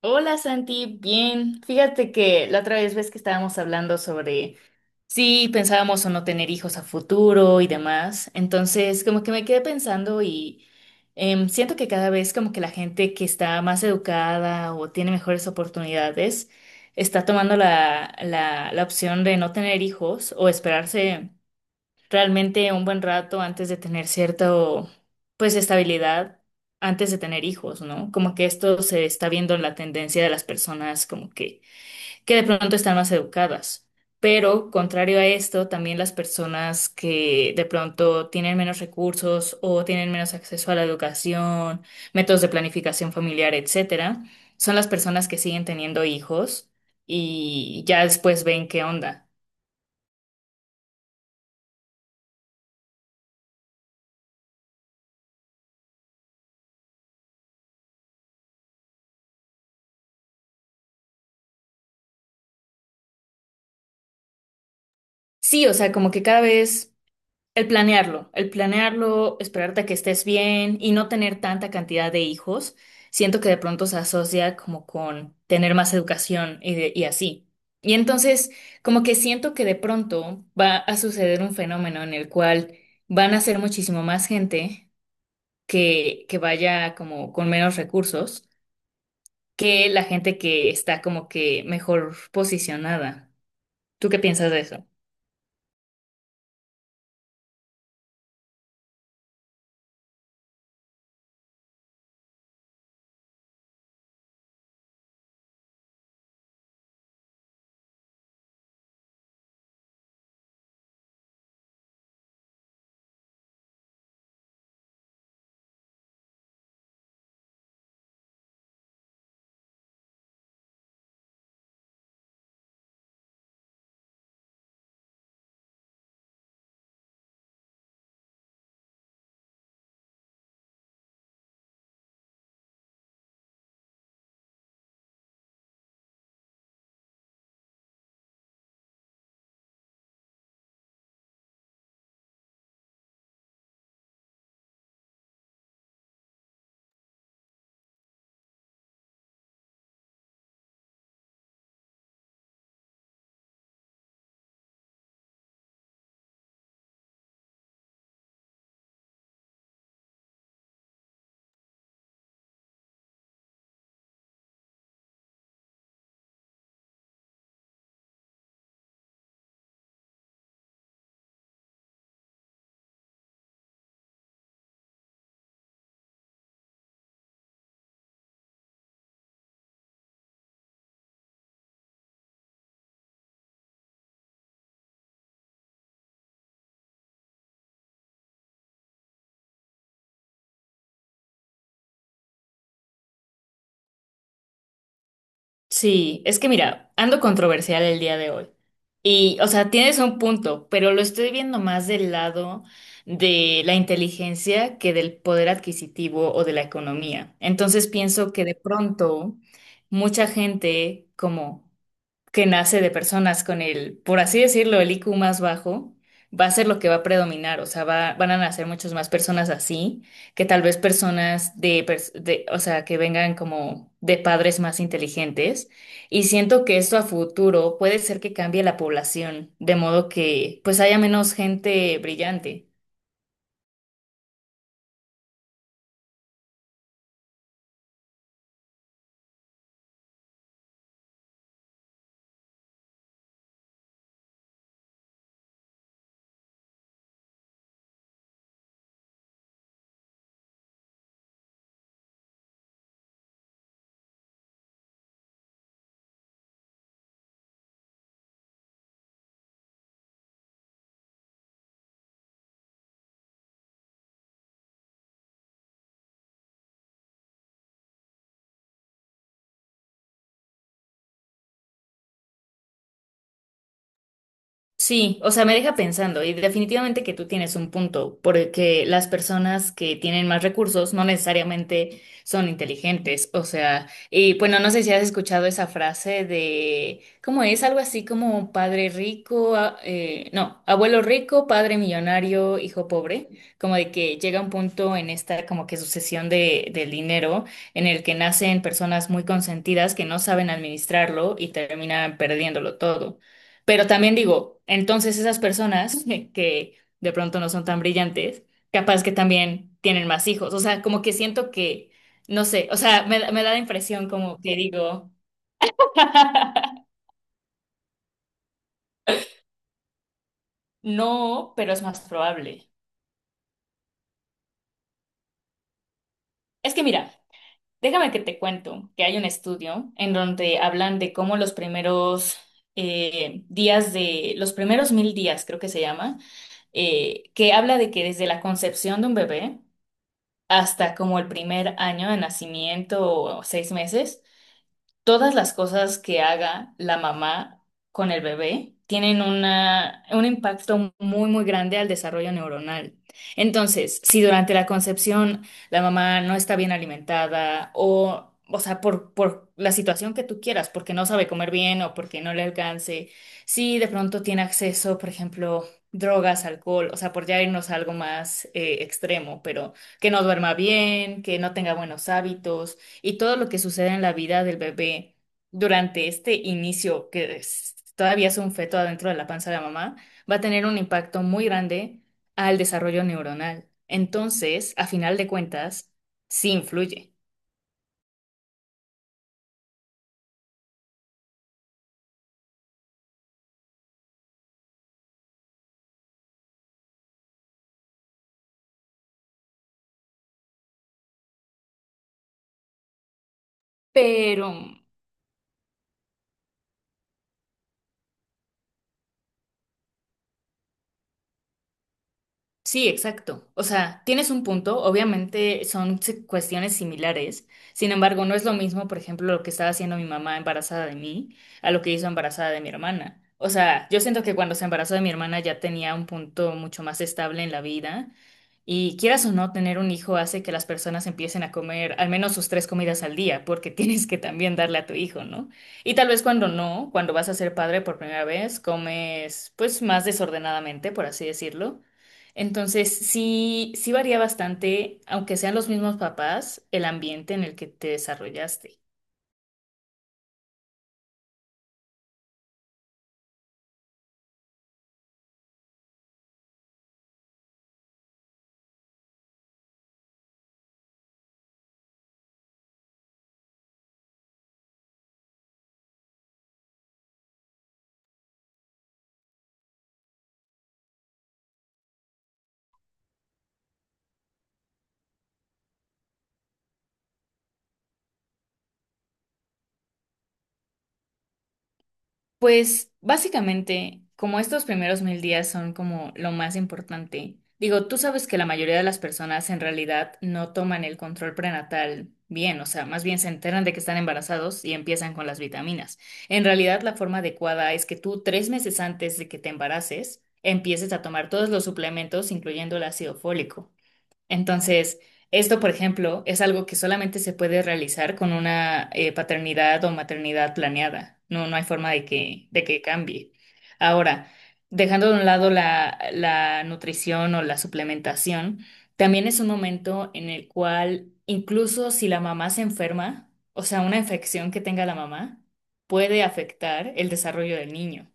Hola Santi, bien. Fíjate que la otra vez ves que estábamos hablando sobre si pensábamos o no tener hijos a futuro y demás. Entonces, como que me quedé pensando y siento que cada vez como que la gente que está más educada o tiene mejores oportunidades está tomando la opción de no tener hijos o esperarse realmente un buen rato antes de tener cierto, pues, estabilidad, antes de tener hijos, ¿no? Como que esto se está viendo en la tendencia de las personas como que de pronto están más educadas. Pero contrario a esto, también las personas que de pronto tienen menos recursos o tienen menos acceso a la educación, métodos de planificación familiar, etcétera, son las personas que siguen teniendo hijos y ya después ven qué onda. Sí, o sea, como que cada vez el planearlo, esperarte a que estés bien y no tener tanta cantidad de hijos, siento que de pronto se asocia como con tener más educación y así. Y entonces, como que siento que de pronto va a suceder un fenómeno en el cual van a ser muchísimo más gente que vaya como con menos recursos que la gente que está como que mejor posicionada. ¿Tú qué piensas de eso? Sí, es que mira, ando controversial el día de hoy. Y, o sea, tienes un punto, pero lo estoy viendo más del lado de la inteligencia que del poder adquisitivo o de la economía. Entonces pienso que de pronto mucha gente como que nace de personas con el, por así decirlo, el I Q más bajo, va a ser lo que va a predominar, o sea, van a nacer muchas más personas así que tal vez personas de, o sea, que vengan como de padres más inteligentes. Y siento que esto a futuro puede ser que cambie la población, de modo que pues haya menos gente brillante. Sí, o sea, me deja pensando y definitivamente que tú tienes un punto, porque las personas que tienen más recursos no necesariamente son inteligentes, o sea, y bueno, no sé si has escuchado esa frase de, ¿cómo es? Algo así como padre rico, no, abuelo rico, padre millonario, hijo pobre, como de que llega un punto en esta como que sucesión de, del dinero en el que nacen personas muy consentidas que no saben administrarlo y terminan perdiéndolo todo. Pero también digo, entonces esas personas que de pronto no son tan brillantes, capaz que también tienen más hijos. O sea, como que siento que, no sé, o sea, me da la impresión como que digo, no, pero es más probable. Es que mira, déjame que te cuento que hay un estudio en donde hablan de cómo los primeros los primeros 1.000 días, creo que se llama, que habla de que desde la concepción de un bebé, hasta como el primer año de nacimiento o 6 meses todas las cosas que haga la mamá con el bebé tienen un impacto muy, muy grande al desarrollo neuronal. Entonces, si durante la concepción la mamá no está bien alimentada o sea, por la situación que tú quieras, porque no sabe comer bien o porque no le alcance, si de pronto tiene acceso, por ejemplo, drogas, alcohol, o sea, por ya irnos a algo más extremo, pero que no duerma bien, que no tenga buenos hábitos y todo lo que sucede en la vida del bebé durante este inicio, que todavía es un feto adentro de la panza de la mamá, va a tener un impacto muy grande al desarrollo neuronal. Entonces, a final de cuentas, sí influye. Pero sí, exacto. O sea, tienes un punto, obviamente son cuestiones similares, sin embargo, no es lo mismo, por ejemplo, lo que estaba haciendo mi mamá embarazada de mí a lo que hizo embarazada de mi hermana. O sea, yo siento que cuando se embarazó de mi hermana ya tenía un punto mucho más estable en la vida y quieras o no, tener un hijo hace que las personas empiecen a comer al menos sus 3 comidas al día, porque tienes que también darle a tu hijo, ¿no? Y tal vez cuando no, cuando vas a ser padre por primera vez, comes pues más desordenadamente, por así decirlo. Entonces, sí, sí varía bastante, aunque sean los mismos papás, el ambiente en el que te desarrollaste. Pues básicamente, como estos primeros 1.000 días son como lo más importante, digo, tú sabes que la mayoría de las personas en realidad no toman el control prenatal bien, o sea, más bien se enteran de que están embarazados y empiezan con las vitaminas. En realidad, la forma adecuada es que tú 3 meses antes de que te embaraces, empieces a tomar todos los suplementos, incluyendo el ácido fólico. Entonces, esto, por ejemplo, es algo que solamente se puede realizar con una paternidad o maternidad planeada. No, no hay forma de que cambie. Ahora, dejando de un lado la nutrición o la suplementación, también es un momento en el cual, incluso si la mamá se enferma, o sea, una infección que tenga la mamá, puede afectar el desarrollo del niño.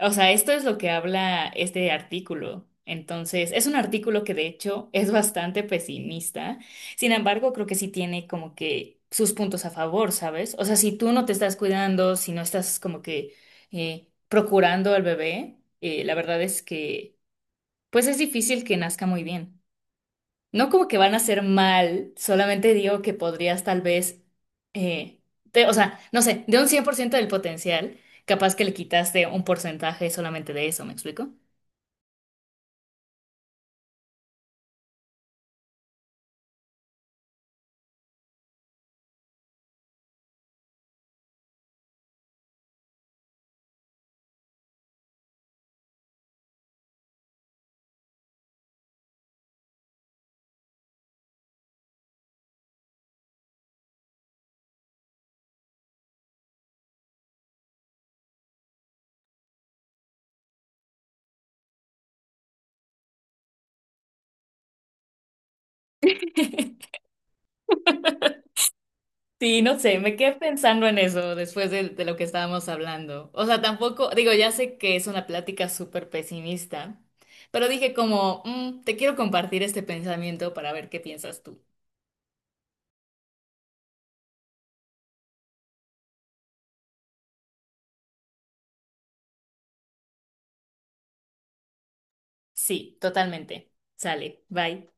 O sea, esto es lo que habla este artículo. Entonces, es un artículo que de hecho es bastante pesimista. Sin embargo, creo que sí tiene como que sus puntos a favor, ¿sabes? O sea, si tú no te estás cuidando, si no estás como que procurando al bebé, la verdad es que pues es difícil que nazca muy bien. No como que van a ser mal, solamente digo que podrías tal vez, eh, o sea, no sé, de un 100% del potencial, capaz que le quitaste un porcentaje solamente de eso, ¿me explico? Sí, no sé, me quedé pensando en eso después de lo que estábamos hablando. O sea, tampoco, digo, ya sé que es una plática súper pesimista, pero dije como, Te quiero compartir este pensamiento para ver qué piensas tú. Sí, totalmente. Sale, bye.